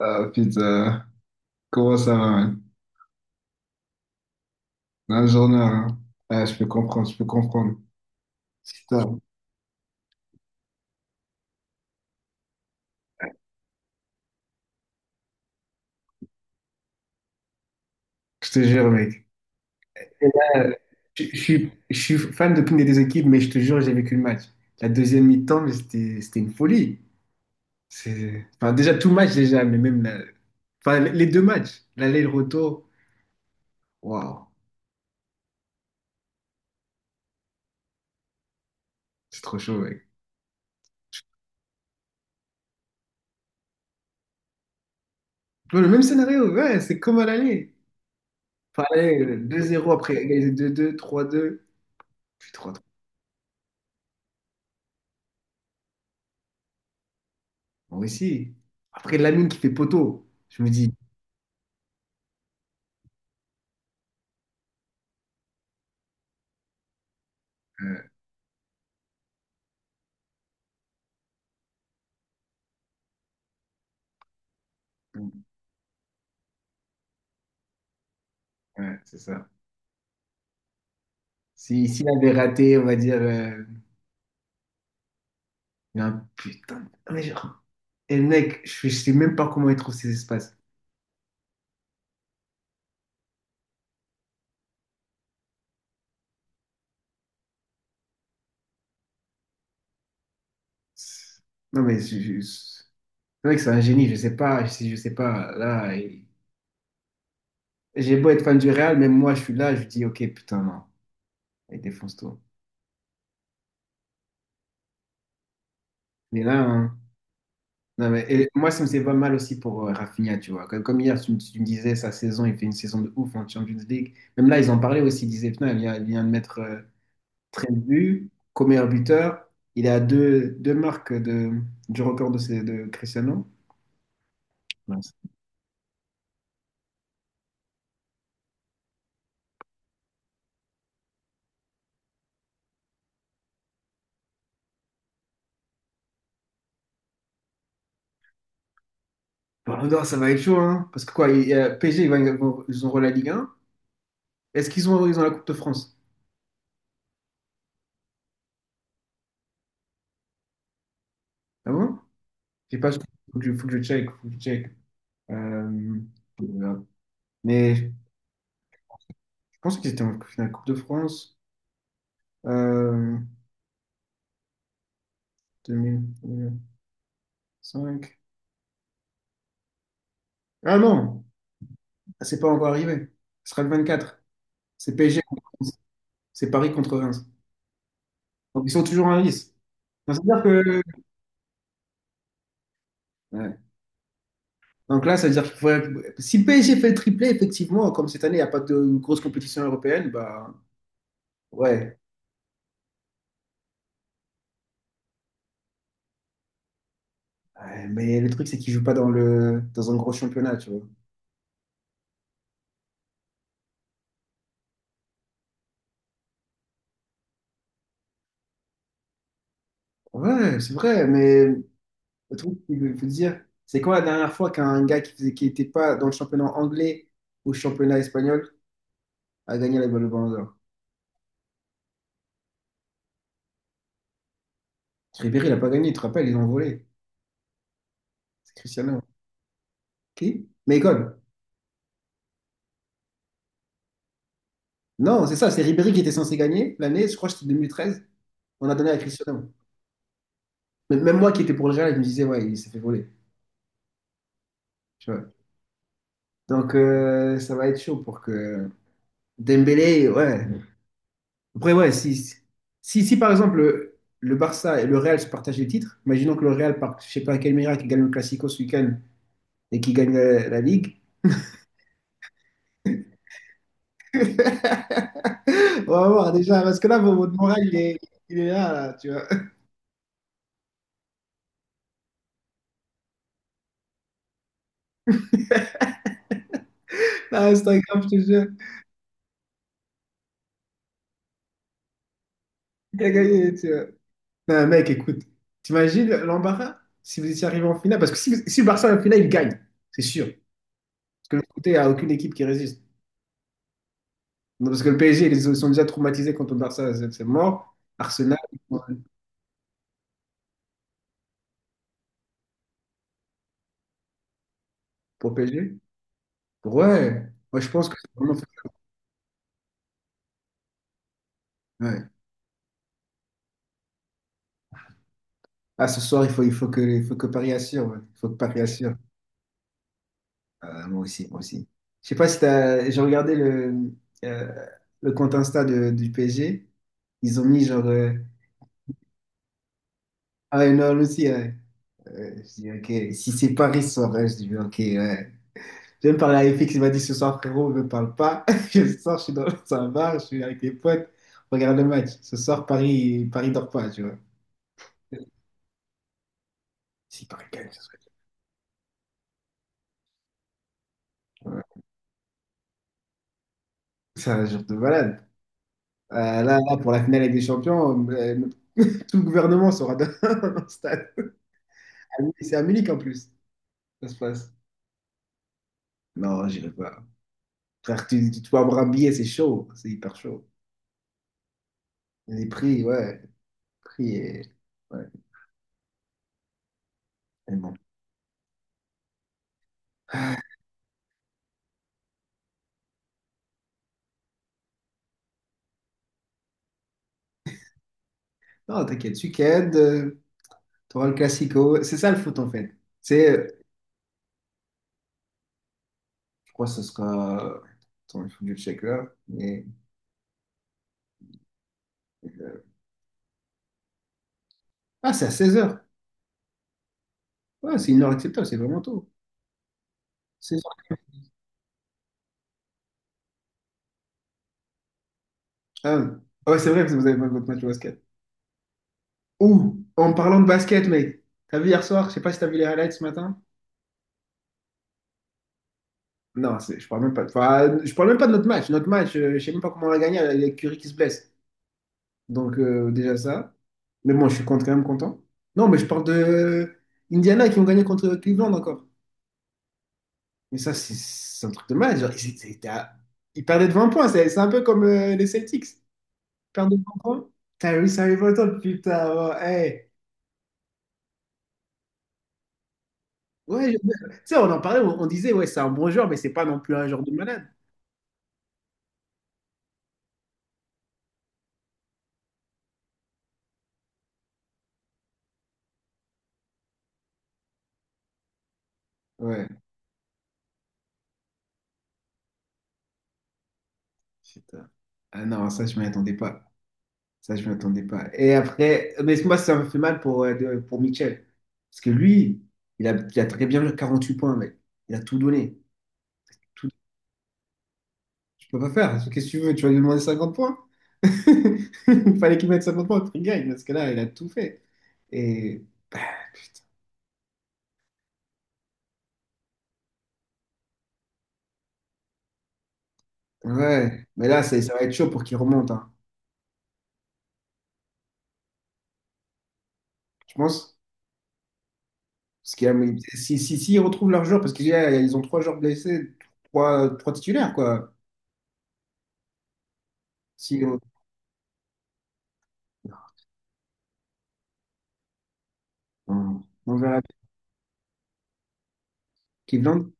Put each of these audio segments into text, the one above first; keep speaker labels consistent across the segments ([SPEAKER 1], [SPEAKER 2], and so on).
[SPEAKER 1] Ah putain, comment ça va, mec? Un journal, hein? Ah, je peux comprendre, je peux comprendre. Putain, je te jure, mec. Et là, je suis fan d'aucune des deux équipes, mais je te jure, j'ai vécu le match. La deuxième mi-temps, mais c'était une folie. C'est, enfin, déjà, tout le match, déjà, mais même la- enfin, les deux matchs, l'aller et le retour. Waouh, c'est trop chaud, mec. Tu vois, le même scénario, ouais, c'est comme à l'aller. Enfin, allez, 2-0 après égaliser deux 2 3-2, puis 3-3. Moi aussi. Après, Lamine qui fait poteau, je me dis, euh, ouais, c'est ça. Si, s'il avait raté, on va dire, il y a un putain. Mais genre, et le mec, je sais même pas comment il trouve ses espaces. Non, mais je- c'est vrai que c'est un génie, je sais pas, je sais pas. Là, il- j'ai beau être fan du Real, même moi, je suis là, je dis, ok, putain, non, il défonce tout. Mais là, hein, non, mais, et moi, ça me fait pas mal aussi pour Rafinha, tu vois. Comme, comme hier, tu me disais, sa saison, il fait une saison de ouf en Champions League. Même là, ils en parlaient aussi. Ils disaient, putain, il vient de mettre 13 buts, comme meilleur buteur. Il est à deux marques de, du record de, de Cristiano. Mince. Ballon d'or, ça va être chaud, hein. Parce que quoi, y a PSG, vont- ils auront la Ligue 1. Est-ce qu'ils ont la Coupe de France? Ah bon? Je sais pas, faut que je check, faut que je check. Euh, voilà. Mais je pense qu'ils étaient en finale Coupe de France. Euh, 2000, 2005. Ah non, c'est pas encore arrivé. Ce sera le 24. C'est PSG contre Reims. C'est Paris contre Reims. Donc ils sont toujours en lice. Donc, ça veut dire que... Ouais. Donc là, ça veut dire qu'il faudrait... Si le PSG fait le triplé, effectivement, comme cette année, il n'y a pas de grosse compétition européenne, bah ouais. Ouais, mais le truc, c'est qu'ils ne jouent pas dans le... dans un gros championnat, tu vois. Ouais, c'est vrai, mais le truc, c'est que, faut dire, c'est quoi la dernière fois qu'un gars qui faisait... qui n'était pas dans le championnat anglais ou championnat espagnol a gagné la balle de Ballon d'Or? Ribéry, il n'a pas gagné, tu te rappelles, ils ont volé. C'est Cristiano. Qui? Malcolm. Non, c'est ça, c'est Ribéry qui était censé gagner l'année, je crois que c'était 2013, on a donné à Cristiano. Mais même moi qui étais pour le Real, je me disais, ouais, il s'est fait voler. Tu vois. Donc, ça va être chaud pour que Dembélé, ouais. Après, ouais, si par exemple le Barça et le Real se partagent les titres, imaginons que le Real, par je sais pas quel miracle, gagne le Classico ce week-end et qui gagne la Ligue. On va voir déjà, parce que là, votre moral, il est là, là, tu vois. Ah, Instagram, je te jure. T'as gagné, tu vois. Non, mec, écoute. T'imagines l'embarras si vous étiez arrivé en finale? Parce que si le Barça est en finale, il gagne, c'est sûr. Parce que de l'autre côté, il n'y a aucune équipe qui résiste. Non, parce que le PSG, ils sont déjà traumatisés contre le Barça, c'est mort. Arsenal pour pour PSG. Ouais, moi je pense que c'est vraiment fait. Ouais. Ah, ce soir, il faut que Paris assure. Ouais. Il faut que Paris assure. Ah, moi aussi, moi aussi. Je sais pas si t'as... J'ai regardé euh, le compte Insta de- du PSG. Ils ont mis genre. Ah ouais, non, lui aussi, ouais. Je dis, ok, si c'est Paris ce soir, ouais, je dis, ok, ouais. Je viens de parler à FX, il m'a dit ce soir, frérot, ne me parle pas. Je sors, je suis dans un bar, je suis avec des potes, on regarde le match. Ce soir, Paris, Paris dort pas, tu vois. Si Paris gagne, ça serait. Ouais. C'est un jour de malade. Euh, Là, là, pour la finale avec des champions, tout le gouvernement sera dans le stade. À Munich- c'est à Munich en plus, ça se passe. Non, j'irai pas. Frère, tu peux avoir un billet, c'est chaud, c'est hyper chaud. Les prix, ouais, les prix et... Mais bon. Non, t'inquiète, week-end, t'auras le classico. C'est ça le foot en fait. C'est, je crois que ce sera. Attends, il faut que je check là. Mais... euh, Ah, c'est à 16h. Ouais, c'est une heure acceptable, c'est vraiment tôt. 16h. Ah, ouais, ah ouais, c'est vrai, parce que vous avez pas votre match de basket. Ouh, en parlant de basket, mec. T'as vu hier soir, je sais pas si t'as vu les highlights ce matin. Non, c'est- je parle même pas. Enfin, je parle même pas de notre match. Notre match, je sais même pas comment on l'a gagné avec Curry qui se blesse. Donc, déjà ça. Mais bon, je suis quand même content. Non, mais je parle de Indiana qui ont gagné contre Cleveland encore. Mais ça, c'est un truc de mal. Genre, ils étaient à- ils perdaient de 20 points. C'est un peu comme les Celtics. Ils perdent de 20 points. Tyrese Halliburton, putain. Ouais, hey. Ouais, je- tu sais, on en parlait, on disait, ouais, c'est un bon joueur, mais c'est pas non plus un joueur de malade. Ouais, putain. Ah non, ça, je m'y attendais pas. Ça, je ne m'attendais pas. Et après, mais moi, ça me fait mal pour, de- pour Mitchell. Parce que lui, il a très bien joué huit points, mec. Il a tout donné. Tout, tu peux pas faire. Qu'est-ce que tu veux? Tu vas lui demander 50 points? Il fallait qu'il mette 50 points pour qu'il gagne. Parce que là, il a tout fait. Et bah, putain. Ouais. Mais là, ça va être chaud pour qu'il remonte, hein. Je pense. Parce qu'il y a- si ils retrouvent leurs joueurs, parce qu'ils ont trois joueurs blessés, trois titulaires, quoi. Si, on verra. Cleveland.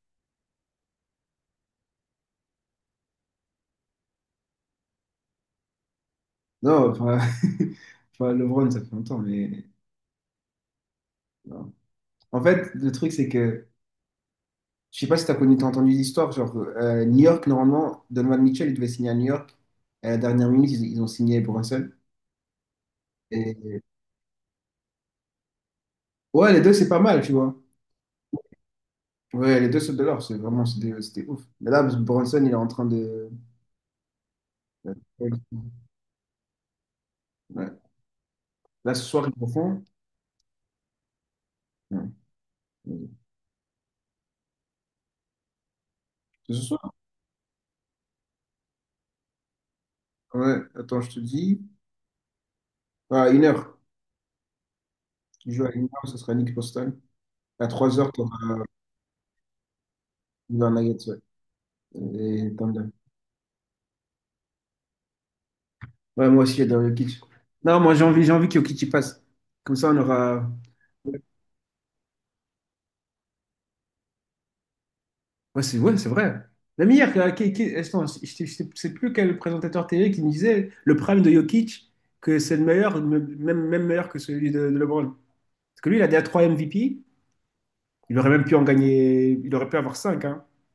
[SPEAKER 1] Non, enfin, enfin, LeBron, ça fait longtemps, mais... non. En fait, le truc, c'est que... Je sais pas si t'as connu, t'as entendu l'histoire, genre, New York, normalement, Donovan Mitchell, il devait signer à New York. À la dernière minute, ils ont signé pour un. Et... Ouais, les deux, c'est pas mal, tu vois. Ouais, les deux sautent de l'or, c'est vraiment, c'était ouf. Mais là, Bronson, il est en train de... Ouais. Là, ce soir, ils le font. Ouais. C'est ce soir? Ouais, attends, je te dis. À 1h. Tu joues à 1h, ce sera Nick Boston. À 3h, tu auras Nuggets. Ouais. Et Thunder. Ouais, moi aussi, j'adore Jokic. Non, moi, j'ai envie que Jokic y passe. Comme ça, on aura. Ouais, ouais, c'est vrai. Même hier, qui- attends, je sais plus quel présentateur télé qui me disait le prime de Jokic, que c'est le meilleur, même, même meilleur que celui de, LeBron. Parce que lui, il a déjà 3 MVP. Il aurait même pu en gagner. Il aurait pu avoir 5.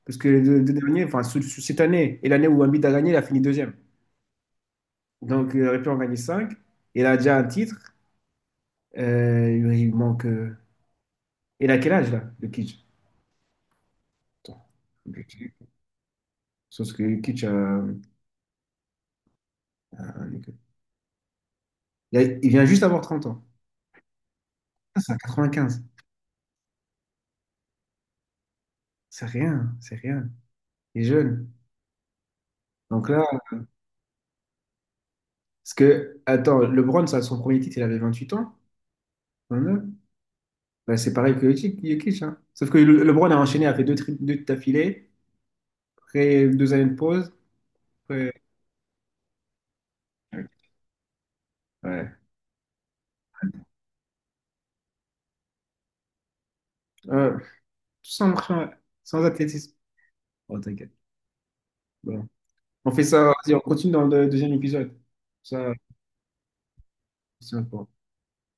[SPEAKER 1] Parce que les deux derniers, enfin, cette année et l'année où Embiid a gagné, il a fini deuxième. Donc, il aurait pu en gagner cinq. Il a déjà un titre. Il manque. Il a quel âge là, le Kitsch? Attends. Le Kitsch. Sauf que le Kitsch, donc, il vient juste d'avoir 30 ans. Ah, c'est un 95. C'est rien, c'est rien. Il est jeune. Donc là, parce que, attends, LeBron, ça, son premier titre, il avait 28 ans. 29. Bah, c'est pareil que Jokic. Jokic, hein. Sauf que le- LeBron a enchaîné, a fait deux, tri- deux d'affilée, après deux années de pause. Après- Ouais. Euh, tout sans athlétisme. Oh, t'inquiète. Bon. On fait ça, vas-y, on continue dans le deuxième épisode. Ça, c'est important.